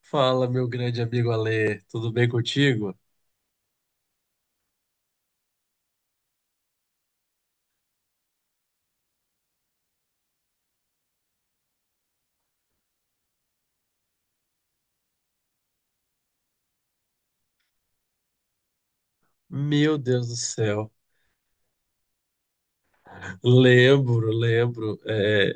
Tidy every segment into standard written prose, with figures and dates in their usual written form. Fala, meu grande amigo Ale, tudo bem contigo? Meu Deus do céu, lembro, lembro.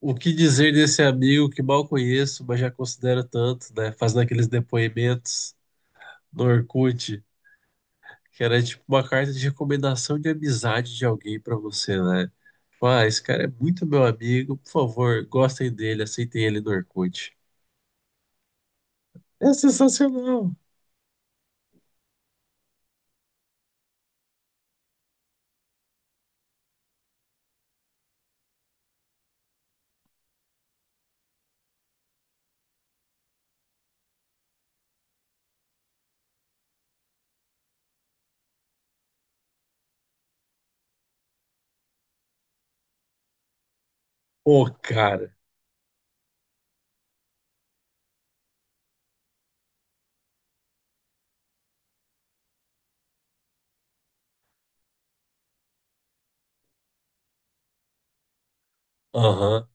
O que dizer desse amigo que mal conheço, mas já considero tanto, né? Fazendo aqueles depoimentos no Orkut, que era tipo uma carta de recomendação de amizade de alguém pra você, né? Ah, esse cara é muito meu amigo, por favor, gostem dele, aceitem ele no Orkut. É sensacional. Pô, cara. Aham.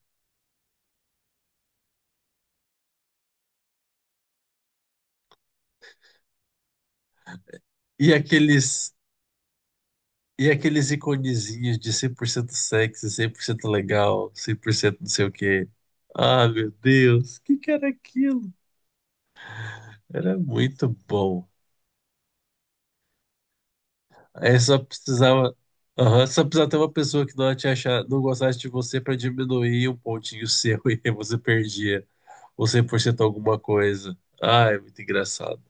E aqueles E aqueles iconezinhos de 100% sexy, 100% legal, 100% não sei o quê. Ah, meu Deus, o que que era aquilo? Era muito bom. Aí só precisava, Aham, só precisava ter uma pessoa que não te achar, não gostasse de você para diminuir um pontinho seu e aí você perdia ou 100% alguma coisa. Ah, é muito engraçado.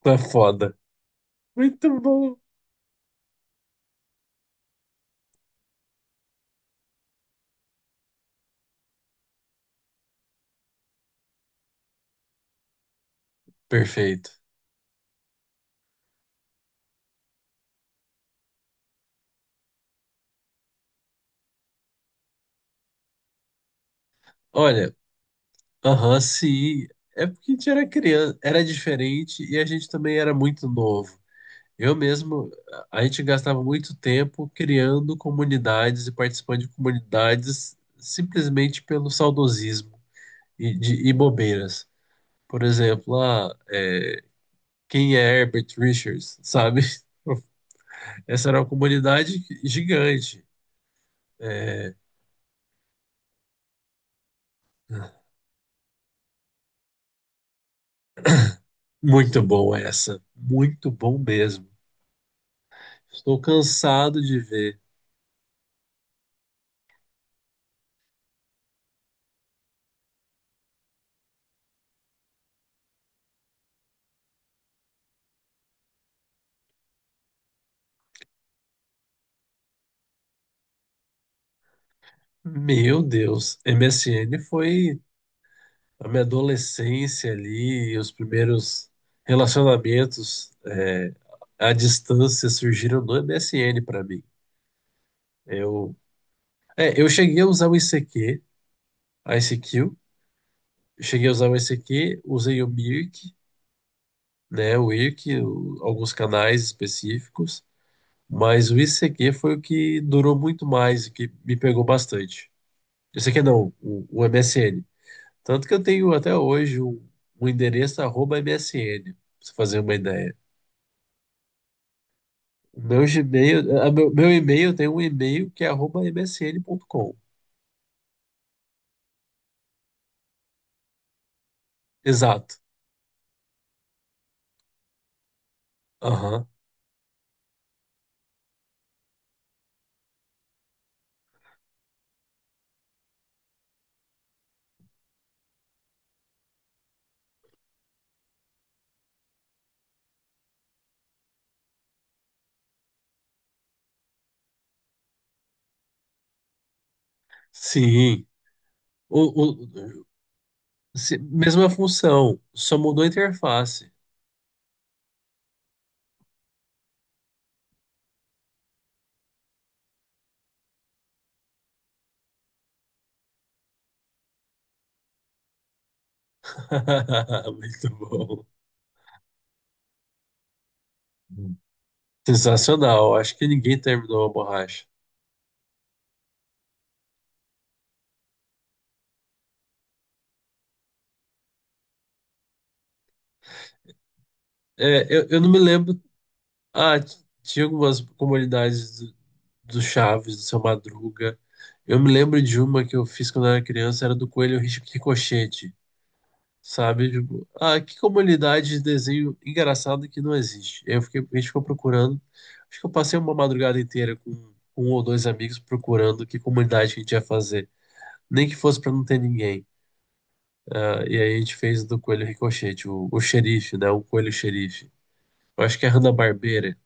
Tá foda. Muito bom. Perfeito. Olha, aham, sim. É porque a gente era criança, era diferente e a gente também era muito novo. Eu mesmo, a gente gastava muito tempo criando comunidades e participando de comunidades simplesmente pelo saudosismo e bobeiras. Por exemplo, ah, quem é Herbert Richards, sabe? Essa era uma comunidade gigante. É. Muito bom essa, muito bom mesmo. Estou cansado de ver. Meu Deus, MSN foi a minha adolescência ali, e os primeiros relacionamentos à distância surgiram no MSN para mim. Eu, eu cheguei a usar o ICQ, a ICQ, cheguei a usar o ICQ, usei o Mirk, né, o Irk, alguns canais específicos, mas o ICQ foi o que durou muito mais e que me pegou bastante. ICQ não, o MSN. Tanto que eu tenho até hoje um endereço arroba MSN, pra você fazer uma ideia. O meu Gmail, meu e-mail tem um e-mail que é arroba MSN.com. Exato. Aham. Sim. O, o- Mesma função, só mudou a interface. Muito bom. Sensacional. Acho que ninguém terminou a borracha. É, eu não me lembro. Ah, tinha algumas comunidades do Chaves, do Seu Madruga. Eu me lembro de uma que eu fiz quando eu era criança, era do Coelho Ricochete, sabe? Tipo, ah, que comunidade de desenho engraçado que não existe. Eu fiquei, a gente ficou procurando. Acho que eu passei uma madrugada inteira com um ou dois amigos procurando que comunidade que a gente ia fazer. Nem que fosse pra não ter ninguém. Ah, e aí a gente fez do Coelho Ricochete, o xerife, né? O Coelho Xerife. Eu acho que é a Hanna-Barbera.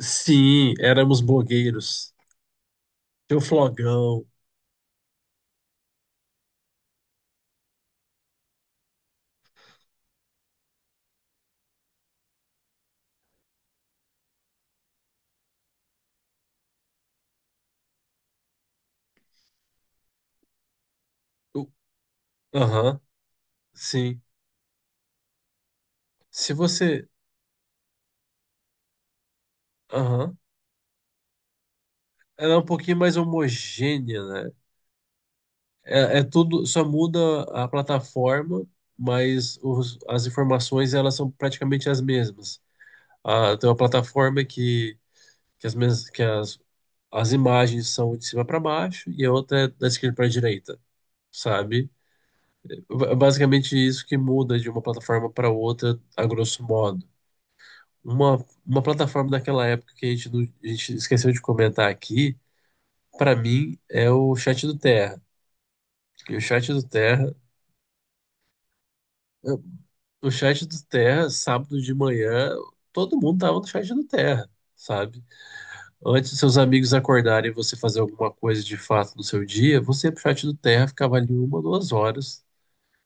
Sim, éramos blogueiros. Tinha o Flogão. o- Aham, sim. Se você. Aham. Ela é um pouquinho mais homogênea, né? É, é tudo, só muda a plataforma, mas as informações elas são praticamente as mesmas. Ah, tem uma plataforma que as imagens são de cima para baixo e a outra é da esquerda para a direita, sabe? É basicamente isso que muda de uma plataforma para outra, a grosso modo. Uma, uma plataforma daquela época que a gente, não- a gente esqueceu de comentar aqui, para mim, é o chat do Terra. E o chat do Terra, o chat do Terra, sábado de manhã, todo mundo tava no chat do Terra, sabe? Antes dos seus amigos acordarem e você fazer alguma coisa de fato no seu dia, você ia pro chat do Terra, ficava ali uma, 2 horas,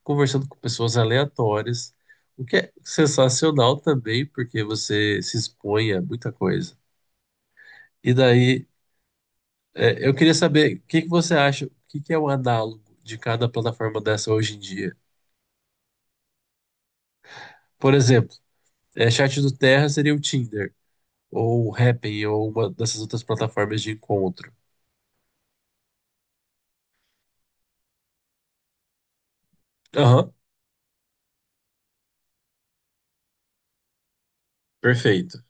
conversando com pessoas aleatórias, o que é sensacional também, porque você se expõe a muita coisa. E daí, eu queria saber o que que você acha, o que que é o análogo de cada plataforma dessa hoje em dia? Por exemplo, Chat do Terra seria o Tinder, ou o Happn, ou uma dessas outras plataformas de encontro. Aham, perfeito.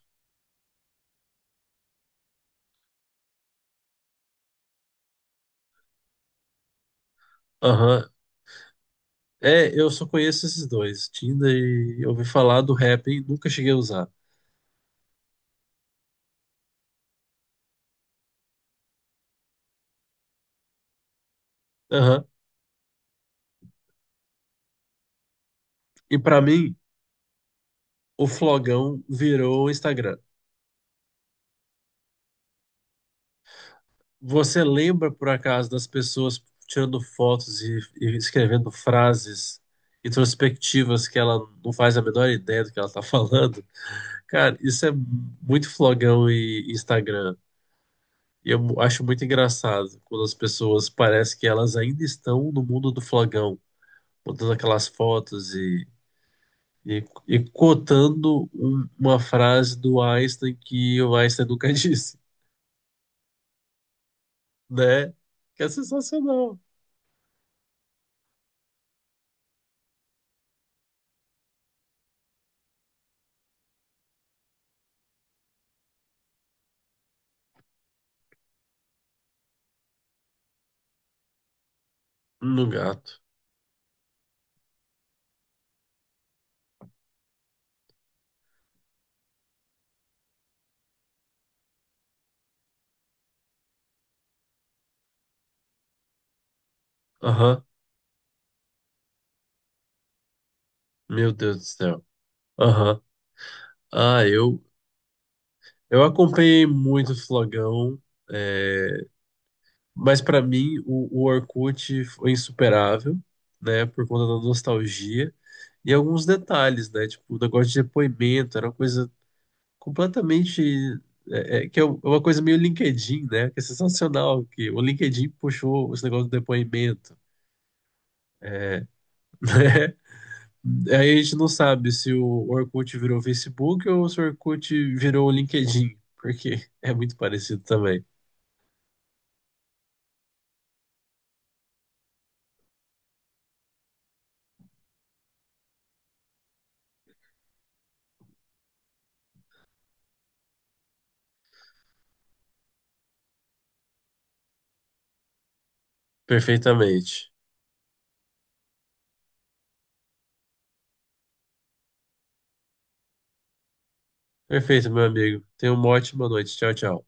Aham. É, eu só conheço esses dois, Tinder e eu ouvi falar do Happn, nunca cheguei a usar. Aham. E pra mim, o Flogão virou o Instagram. Você lembra, por acaso, das pessoas tirando fotos e escrevendo frases introspectivas que ela não faz a menor ideia do que ela tá falando? Cara, isso é muito flogão e Instagram. E eu acho muito engraçado quando as pessoas parecem que elas ainda estão no mundo do flogão, botando aquelas fotos e cotando uma frase do Einstein que o Einstein nunca disse, né? Que é sensacional. No gato. Aham. Meu Deus do céu. Aham. Ah, eu acompanhei muito o Flogão, é, mas para mim o Orkut foi insuperável, né, por conta da nostalgia e alguns detalhes, né, tipo o negócio de depoimento, era uma coisa completamente, que é uma coisa meio LinkedIn, né, que é sensacional, que o LinkedIn puxou esse negócio do depoimento. É, Aí a gente não sabe se o Orkut virou Facebook ou se o Orkut virou o LinkedIn, porque é muito parecido também. Perfeitamente. Perfeito, meu amigo. Tenha uma ótima noite. Tchau, tchau.